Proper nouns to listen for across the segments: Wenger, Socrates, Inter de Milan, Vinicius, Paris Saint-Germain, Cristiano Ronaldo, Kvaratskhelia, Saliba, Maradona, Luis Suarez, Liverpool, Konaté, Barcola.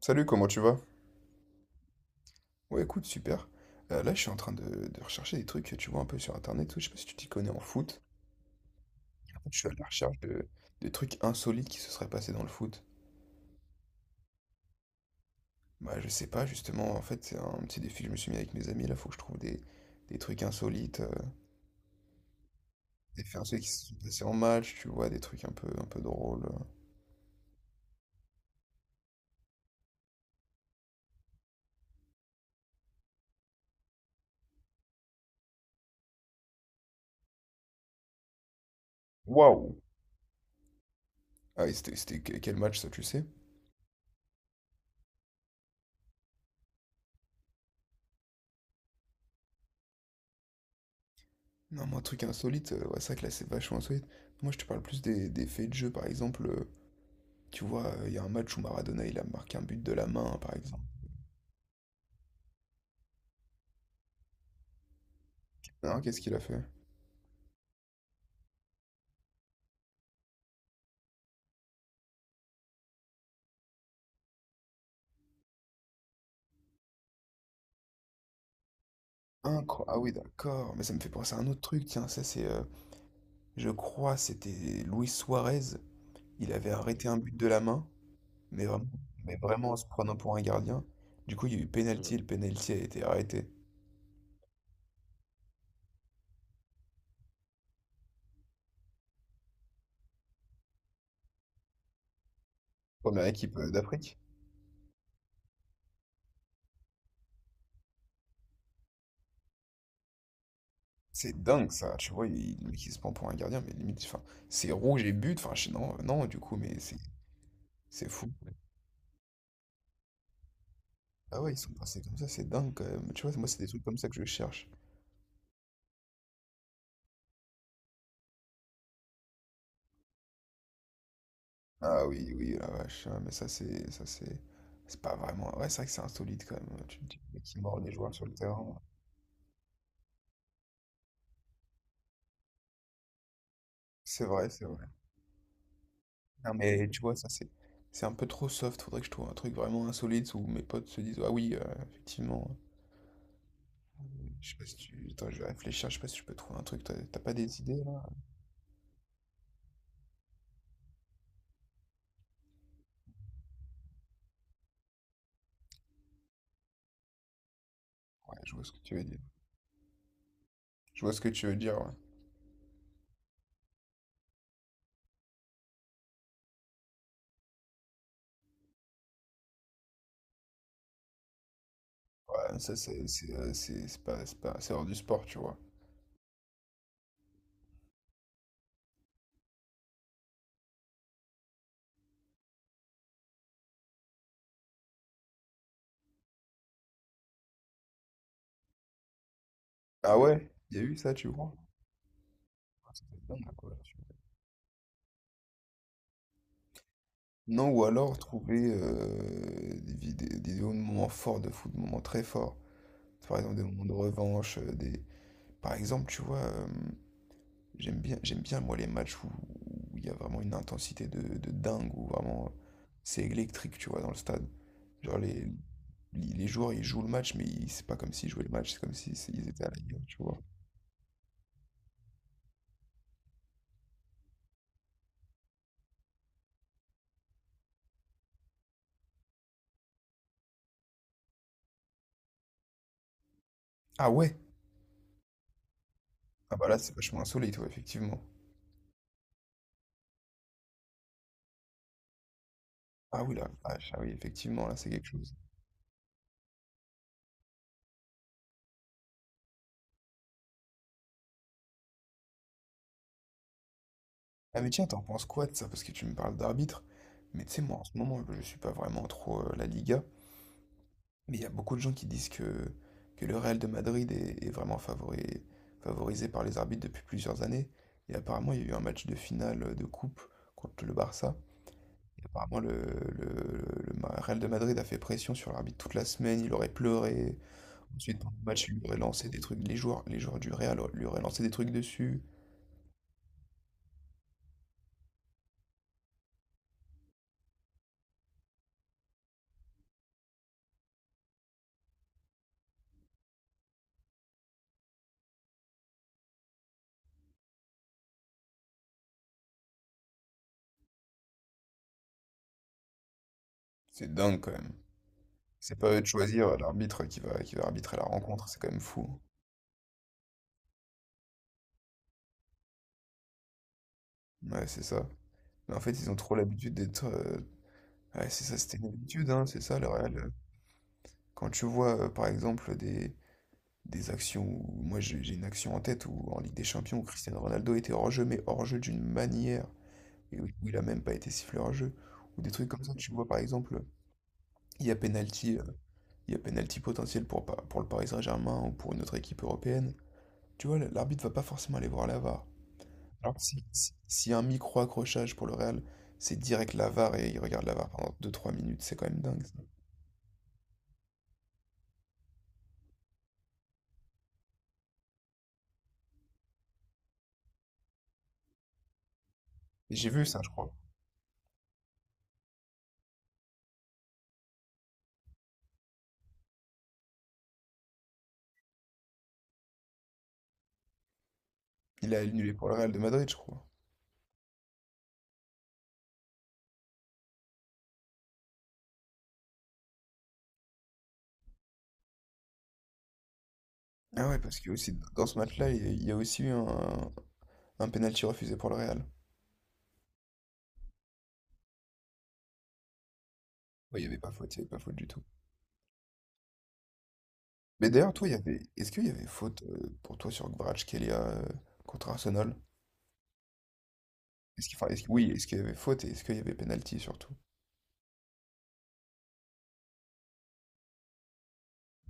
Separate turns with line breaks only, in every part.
Salut, comment tu vas? Ouais, écoute, super. Là, je suis en train de rechercher des trucs, tu vois, un peu sur Internet, tout. Je sais pas si tu t'y connais en foot. En fait, je suis à la recherche de trucs insolites qui se seraient passés dans le foot. Bah, je sais pas, justement, en fait, c'est un petit défi que je me suis mis avec mes amis. Là, faut que je trouve des trucs insolites, des faits insolites qui se sont passés en match, tu vois, des trucs un peu drôles. Waouh! Ah, et quel match, ça, tu sais? Non, moi, truc insolite, ouais, c'est vrai que là, c'est vachement insolite. Moi, je te parle plus des faits de jeu, par exemple. Tu vois, il y a un match où Maradona, il a marqué un but de la main, par exemple. Non, qu'est-ce qu'il a fait? Ah oui, d'accord. Mais ça me fait penser à un autre truc. Tiens, ça, c'est. Je crois, c'était Luis Suarez. Il avait arrêté un but de la main, mais vraiment, mais vraiment en se prenant pour un gardien. Du coup, il y a eu penalty et le penalty a été arrêté. Première équipe d'Afrique. C'est dingue, ça. Tu vois, il, le mec, il se prend pour un gardien, mais limite, enfin, c'est rouge et but. Enfin, non, non, du coup, mais c'est fou. Ah ouais, ils sont passés comme ça, c'est dingue quand même. Tu vois, moi, c'est des trucs comme ça que je cherche. Ah oui, oui, la vache, ah, mais ça c'est pas vraiment. Ouais, c'est vrai que c'est insolite quand même. Tu te dis mais qui mord les joueurs sur le terrain. Moi. C'est vrai, c'est vrai. Non mais tu vois, ça c'est un peu trop soft. Faudrait que je trouve un truc vraiment insolite où mes potes se disent ah oui, effectivement. Je sais pas si tu. Attends, je vais réfléchir, je sais pas si je peux trouver un truc. T'as pas des idées là? Ouais, je vois ce que tu veux dire. Je vois ce que tu veux dire, ouais. Ouais, ça c'est pas c'est pas c'est hors du sport, tu vois. Ah ouais? Il y a eu ça, tu vois? Ah, ça doit dingue, quoi. Non, ou alors trouver des vidéos de moments forts de foot, de moments très forts. Par exemple, des moments de revanche. Par exemple, tu vois, j'aime bien, moi, les matchs où il y a vraiment une intensité de dingue, où vraiment c'est électrique, tu vois, dans le stade. Genre, les joueurs, ils jouent le match, mais c'est pas comme s'ils jouaient le match, c'est comme s'ils ils étaient à la guerre, tu vois. Ah ouais? Ah bah là, c'est vachement insolite, ouais, effectivement. Ah oui, la vache, ah oui, effectivement, là, c'est quelque chose. Ah mais tiens, t'en penses quoi de ça? Parce que tu me parles d'arbitre. Mais tu sais, moi en ce moment, je suis pas vraiment trop la Liga. Mais il y a beaucoup de gens qui disent que le Real de Madrid est vraiment favorisé par les arbitres depuis plusieurs années. Et apparemment, il y a eu un match de finale de coupe contre le Barça. Apparemment, le Real de Madrid a fait pression sur l'arbitre toute la semaine. Il aurait pleuré. Ensuite, pendant le match, il lui aurait lancé des trucs. Les joueurs du Real lui auraient lancé des trucs dessus. C'est dingue quand même. C'est pas à eux de choisir l'arbitre qui va arbitrer la rencontre, c'est quand même fou. Ouais, c'est ça. Mais en fait, ils ont trop l'habitude d'être. Ouais, c'est ça, c'était une habitude, hein, c'est ça, le Real. Quand tu vois, par exemple, des actions où. Moi, j'ai une action en tête où, en Ligue des Champions, où Cristiano Ronaldo était hors-jeu, mais hors-jeu d'une manière, et où il a même pas été sifflé hors-jeu. Ou des trucs comme ça, tu vois, par exemple, il y a penalty, il y a penalty potentiel pour le Paris Saint-Germain ou pour une autre équipe européenne. Tu vois, l'arbitre va pas forcément aller voir la VAR. Alors, s'il y a un micro-accrochage pour le Real, c'est direct la VAR et il regarde la VAR pendant deux trois minutes, c'est quand même dingue, ça. Et j'ai vu ça, je crois. Il a annulé pour le Real de Madrid, je crois. Ah ouais, parce que aussi, dans ce match-là, il y a aussi eu un penalty refusé pour le Real. Ouais, il n'y avait pas faute, il n'y avait pas faute du tout. Mais d'ailleurs, toi, est-ce qu'il y avait faute pour toi sur Kvaratskhelia contre Arsenal? Enfin, oui, est-ce qu'il y avait faute et est-ce qu'il y avait penalty surtout?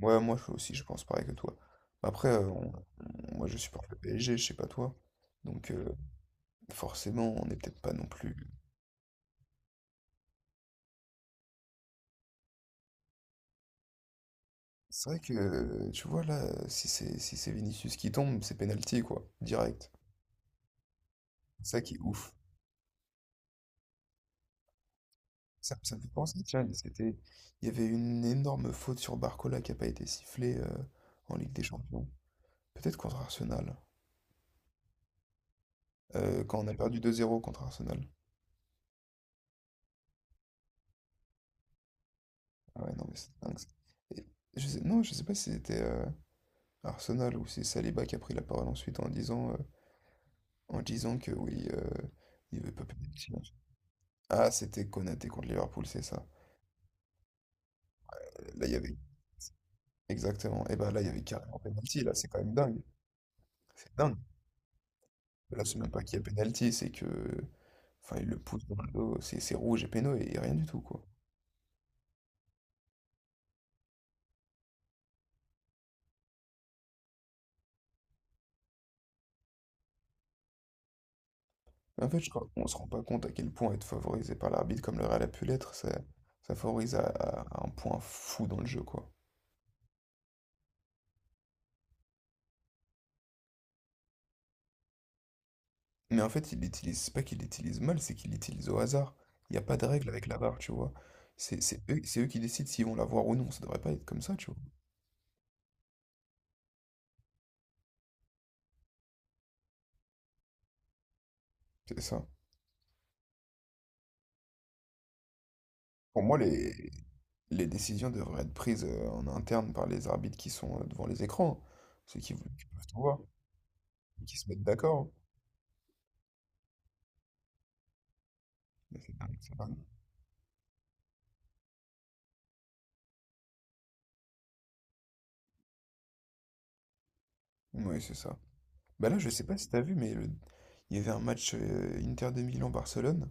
Ouais, moi aussi, je pense pareil que toi. Après, moi je supporte le PSG, je sais pas toi. Donc forcément, on n'est peut-être pas non plus. C'est vrai que, tu vois, là, si c'est Vinicius qui tombe, c'est penalty, quoi, direct. Ça qui est ouf. Ça me fait penser, tiens, il y avait une énorme faute sur Barcola qui a pas été sifflée en Ligue des Champions. Peut-être contre Arsenal. Quand on a perdu 2-0 contre Arsenal. Ah ouais, non, mais c'est dingue, ça. Et non, je sais pas si c'était. Arsenal, où c'est Saliba qui a pris la parole ensuite en disant que oui, il veut pas payer le silence. Ah, c'était Konaté contre Liverpool, c'est ça. Là, il y avait. Exactement. Et bah là, il y avait carrément penalty, là, c'est quand même dingue. C'est dingue. Là, c'est même pas qu'il y a penalty, c'est que. Enfin, il le pousse dans le dos, c'est rouge et péno et rien du tout, quoi. Mais en fait, je crois qu'on se rend pas compte à quel point être favorisé par l'arbitre comme le Real a pu l'être, ça favorise à un point fou dans le jeu, quoi. Mais en fait, il l'utilise, c'est pas qu'il l'utilise mal, c'est qu'il l'utilise au hasard. Il n'y a pas de règle avec la barre, tu vois. C'est eux, c'est eux qui décident s'ils vont la voir ou non. Ça devrait pas être comme ça, tu vois. C'est ça. Pour moi, les décisions devraient être prises en interne par les arbitres qui sont devant les écrans. Ceux qui, qui peuvent tout voir, et qui se mettent d'accord. Mais c'est dingue, c'est dingue. Oui, c'est ça. Bah là, je sais pas si t'as vu, mais il y avait un match Inter de Milan-Barcelone.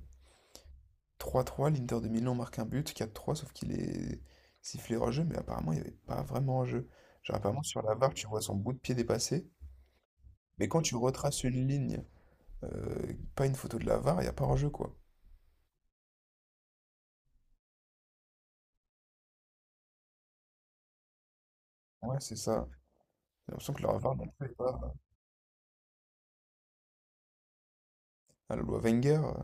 3-3, l'Inter de Milan marque un but, 4 trois, sauf qu'il est sifflé hors-jeu, mais apparemment il n'y avait pas vraiment hors-jeu. Genre apparemment sur la VAR, tu vois son bout de pied dépasser, mais quand tu retraces une ligne, pas une photo de la VAR, il n'y a pas hors-jeu quoi. Ouais, c'est ça. J'ai l'impression que la VAR non plus est pas à la loi Wenger.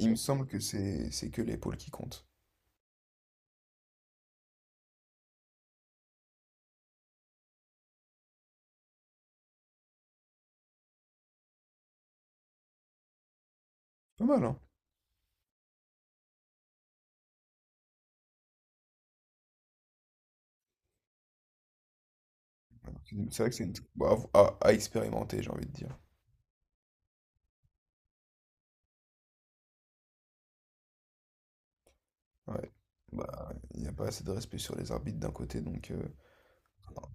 Il me semble que c'est que l'épaule qui compte. Pas mal, hein. C'est vrai que c'est bah, à expérimenter, j'ai envie de dire. Ouais. Bah, il n'y a pas assez de respect sur les arbitres d'un côté, donc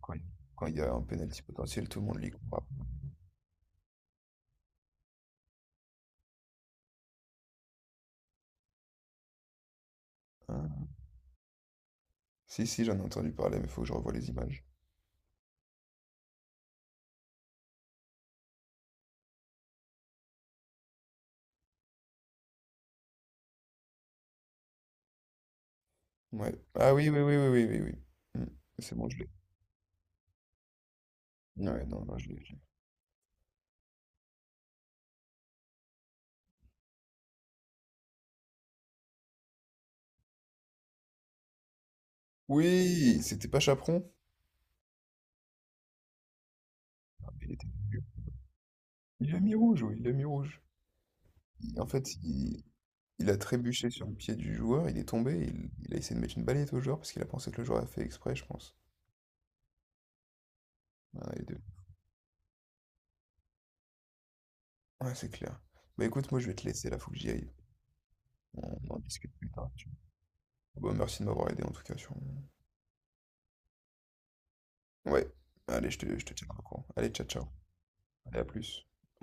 quand quand il y a un penalty potentiel, tout le monde l'y croit. Ah. Si, si, j'en ai entendu parler, mais faut que je revoie les images. Ouais. Ah oui, oui, oui, oui, oui, oui, oui. Hmm. C'est bon, je l'ai. Ouais, non, non, je l'ai, je l'ai. Oui, c'était pas Chaperon. Ah, mais il était nul. Il a mis rouge, oui, il a mis rouge. En fait, il a trébuché sur le pied du joueur, il est tombé, il a essayé de mettre une balayette au joueur parce qu'il a pensé que le joueur a fait exprès, je pense. Ah, les deux. Ouais, c'est clair. Bah écoute, moi je vais te laisser là, faut que j'y aille. On en discute plus tard. Bon, merci de m'avoir aidé en tout cas sur. Ouais, allez, je te tiendrai au courant. Allez, ciao, ciao. Allez, à plus.